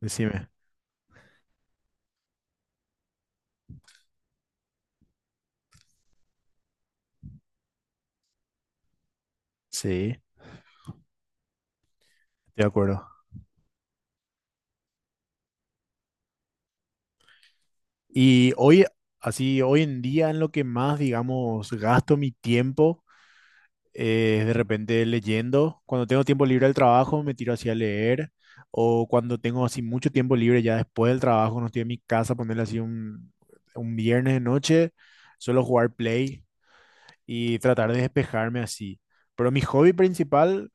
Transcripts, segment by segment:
Decime. Sí, estoy de acuerdo. Y hoy, así, hoy en día en lo que más, digamos, gasto mi tiempo es de repente leyendo. Cuando tengo tiempo libre del trabajo, me tiro así a leer. O cuando tengo así mucho tiempo libre ya después del trabajo, no estoy en mi casa, ponerle así un viernes de noche, suelo jugar Play, y tratar de despejarme así. Pero mi hobby principal,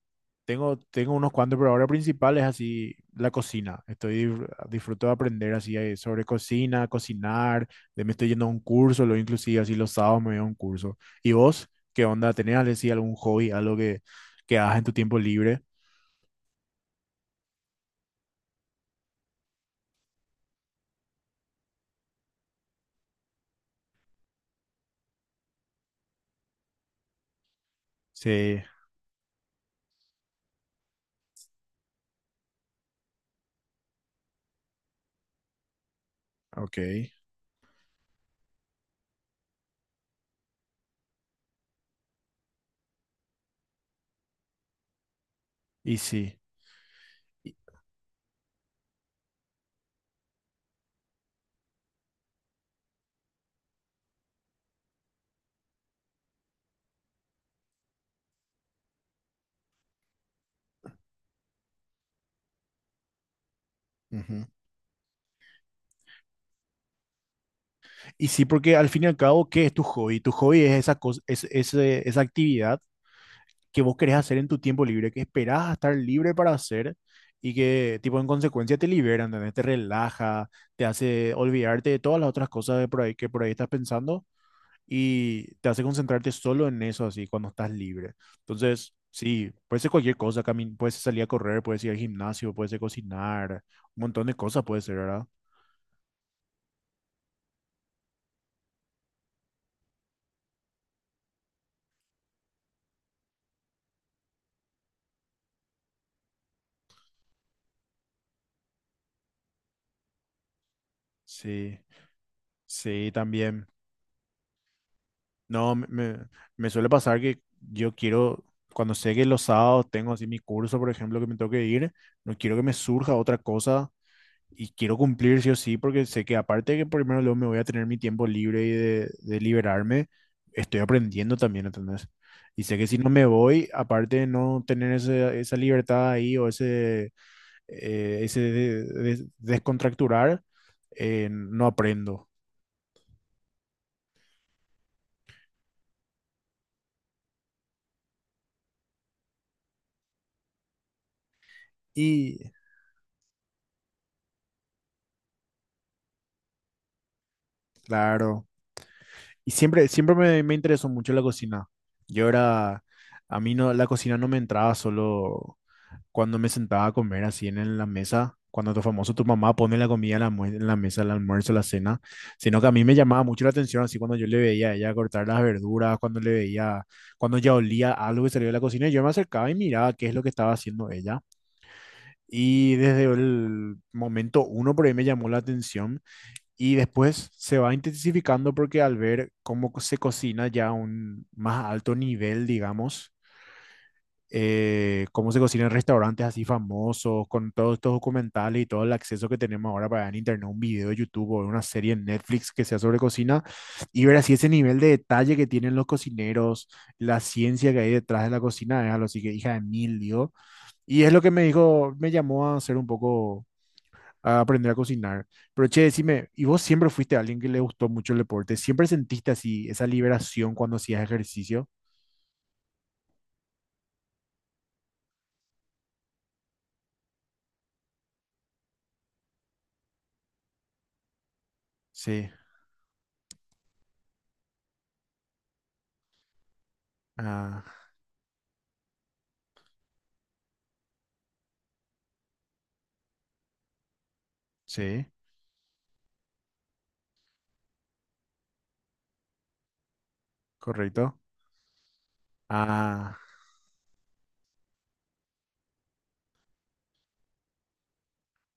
tengo unos cuantos, pero ahora principal es así la cocina. Estoy, disfruto de aprender así sobre cocina, cocinar, de me estoy yendo a un curso, lo inclusive así los sábados me voy a un curso. ¿Y vos qué onda? ¿Tenés así algún hobby, algo que hagas en tu tiempo libre? Sí, ok. Y sí. y- Ujú. Y sí, porque al fin y al cabo, ¿qué es tu hobby? Tu hobby es esa cosa, es, esa actividad que vos querés hacer en tu tiempo libre, que esperás a estar libre para hacer y que, tipo, en consecuencia te liberan, ¿entendés? Te relaja, te hace olvidarte de todas las otras cosas de por ahí, que por ahí estás pensando y te hace concentrarte solo en eso, así, cuando estás libre. Entonces, sí, puede ser cualquier cosa, puede ser salir a correr, puede ser ir al gimnasio, puede ser cocinar, un montón de cosas puede ser, ¿verdad? Sí, sí, también. No, me suele pasar que yo quiero, cuando sé que los sábados tengo así mi curso, por ejemplo, que me tengo que ir, no quiero que me surja otra cosa y quiero cumplir sí o sí, porque sé que aparte de que primero luego me voy a tener mi tiempo libre y de liberarme, estoy aprendiendo también, ¿entendés? Y sé que si no me voy, aparte de no tener esa libertad ahí o ese, ese descontracturar, no aprendo. Y claro. Y siempre, siempre me interesó mucho la cocina. Yo era, a mí no, la cocina no me entraba solo cuando me sentaba a comer así en la mesa, cuando tu famoso, tu mamá pone la comida en la, en la mesa, el almuerzo, la cena, sino que a mí me llamaba mucho la atención así cuando yo le veía a ella cortar las verduras, cuando le veía, cuando ya olía algo que salió de la cocina, yo me acercaba y miraba qué es lo que estaba haciendo ella. Y desde el momento uno por ahí me llamó la atención y después se va intensificando porque al ver cómo se cocina ya a un más alto nivel, digamos, cómo se cocina en restaurantes así famosos, con todos estos documentales y todo el acceso que tenemos ahora para ver en internet un video de YouTube o una serie en Netflix que sea sobre cocina, y ver así ese nivel de detalle que tienen los cocineros, la ciencia que hay detrás de la cocina, es algo así que hija de mil, digo. Y es lo que me dijo, me llamó a ser un poco a aprender a cocinar. Pero che, decime, ¿y vos siempre fuiste alguien que le gustó mucho el deporte? ¿Siempre sentiste así esa liberación cuando hacías ejercicio? Sí, ah, sí, correcto. Ah,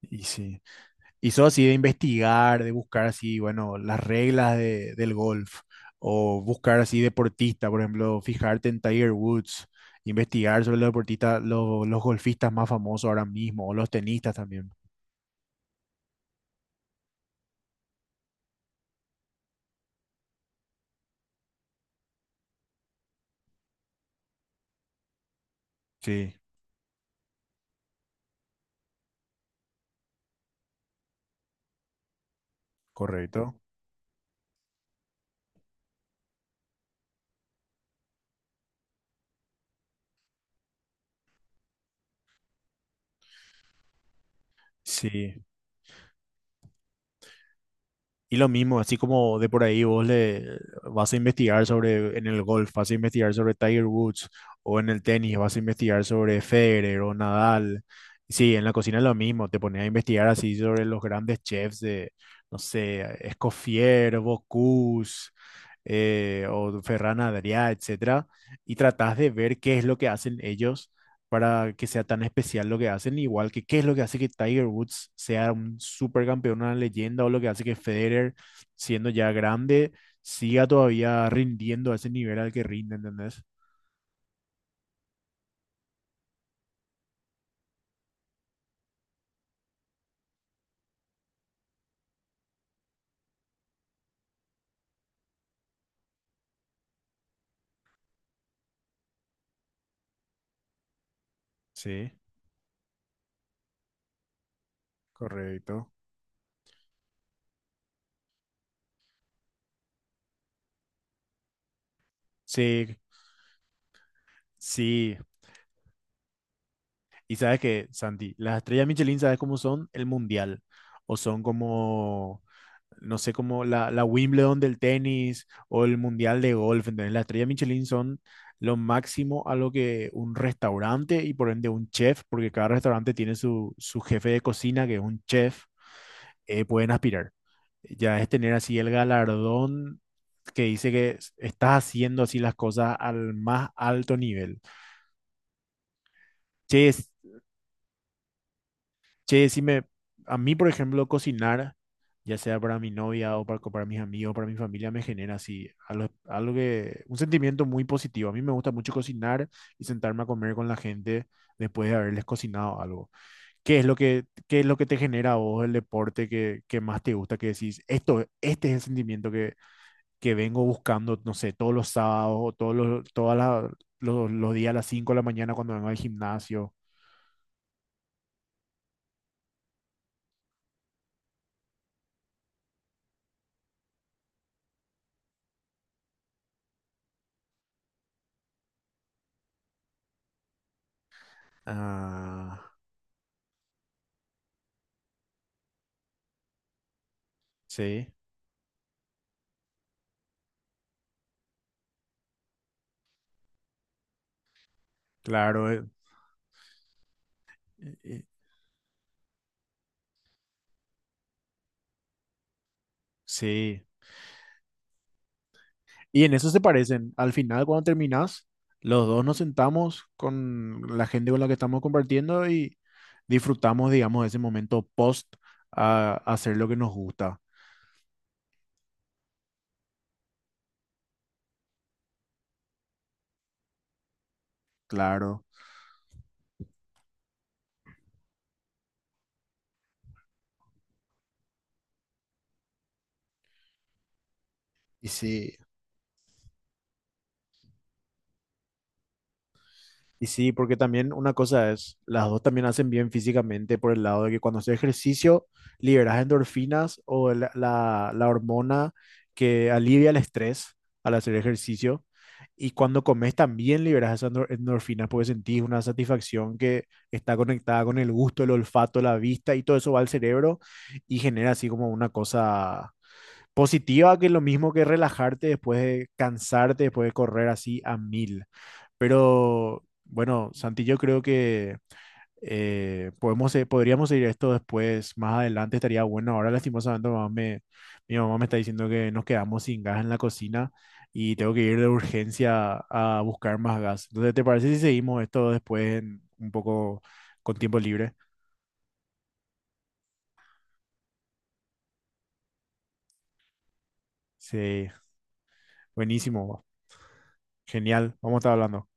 y sí. ¿Y sos así de investigar, de buscar así, bueno, las reglas del golf? O buscar así deportista, por ejemplo, fijarte en Tiger Woods, investigar sobre los deportistas, los golfistas más famosos ahora mismo, o los tenistas también. Sí, correcto. Sí. Y lo mismo, así como de por ahí vos le vas a investigar sobre en el golf, vas a investigar sobre Tiger Woods o en el tenis, vas a investigar sobre Federer o Nadal. Sí, en la cocina es lo mismo, te pones a investigar así sobre los grandes chefs de, no sé, Escoffier, Bocuse, o Ferran Adrià, etcétera, y tratás de ver qué es lo que hacen ellos para que sea tan especial lo que hacen, igual que qué es lo que hace que Tiger Woods sea un supercampeón, una leyenda, o lo que hace que Federer, siendo ya grande, siga todavía rindiendo a ese nivel al que rinde, ¿entendés? Sí, correcto. Sí, sí, y sabes que, Santi, las estrellas Michelin, ¿sabes cómo son? El mundial. O son como, no sé, como la Wimbledon del tenis o el mundial de golf. ¿Entendés? Las estrellas Michelin son lo máximo a lo que un restaurante y por ende un chef, porque cada restaurante tiene su jefe de cocina, que es un chef, pueden aspirar. Ya es tener así el galardón que dice que estás haciendo así las cosas al más alto nivel. Che, Che, si me, a mí, por ejemplo, cocinar, ya sea para mi novia o para, para mis amigos, para mi familia, me genera así algo, algo que, un sentimiento muy positivo. A mí me gusta mucho cocinar y sentarme a comer con la gente después de haberles cocinado algo. ¿Qué es lo que, qué es lo que te genera a vos el deporte que más te gusta? Que decís, esto, este es el sentimiento que vengo buscando, no sé, todos los sábados o todos los, los días a las 5 de la mañana cuando vengo al gimnasio. Ah, sí. Claro, Eh, eh, sí. Y en eso se parecen. Al final, cuando terminás, los dos nos sentamos con la gente con la que estamos compartiendo y disfrutamos, digamos, ese momento post a hacer lo que nos gusta. Claro. Y sí, y sí, porque también una cosa es, las dos también hacen bien físicamente por el lado de que cuando haces ejercicio liberas endorfinas o la hormona que alivia el estrés al hacer ejercicio. Y cuando comes también liberas esas endorfinas porque sentís una satisfacción que está conectada con el gusto, el olfato, la vista y todo eso va al cerebro y genera así como una cosa positiva que es lo mismo que relajarte después de cansarte, después de correr así a mil. Pero bueno, Santi, yo creo que podemos, podríamos seguir esto después, más adelante estaría bueno. Ahora lastimosamente mi mamá me está diciendo que nos quedamos sin gas en la cocina y tengo que ir de urgencia a buscar más gas. Entonces, ¿te parece si seguimos esto después un poco con tiempo libre? Sí, buenísimo, genial, vamos a estar hablando.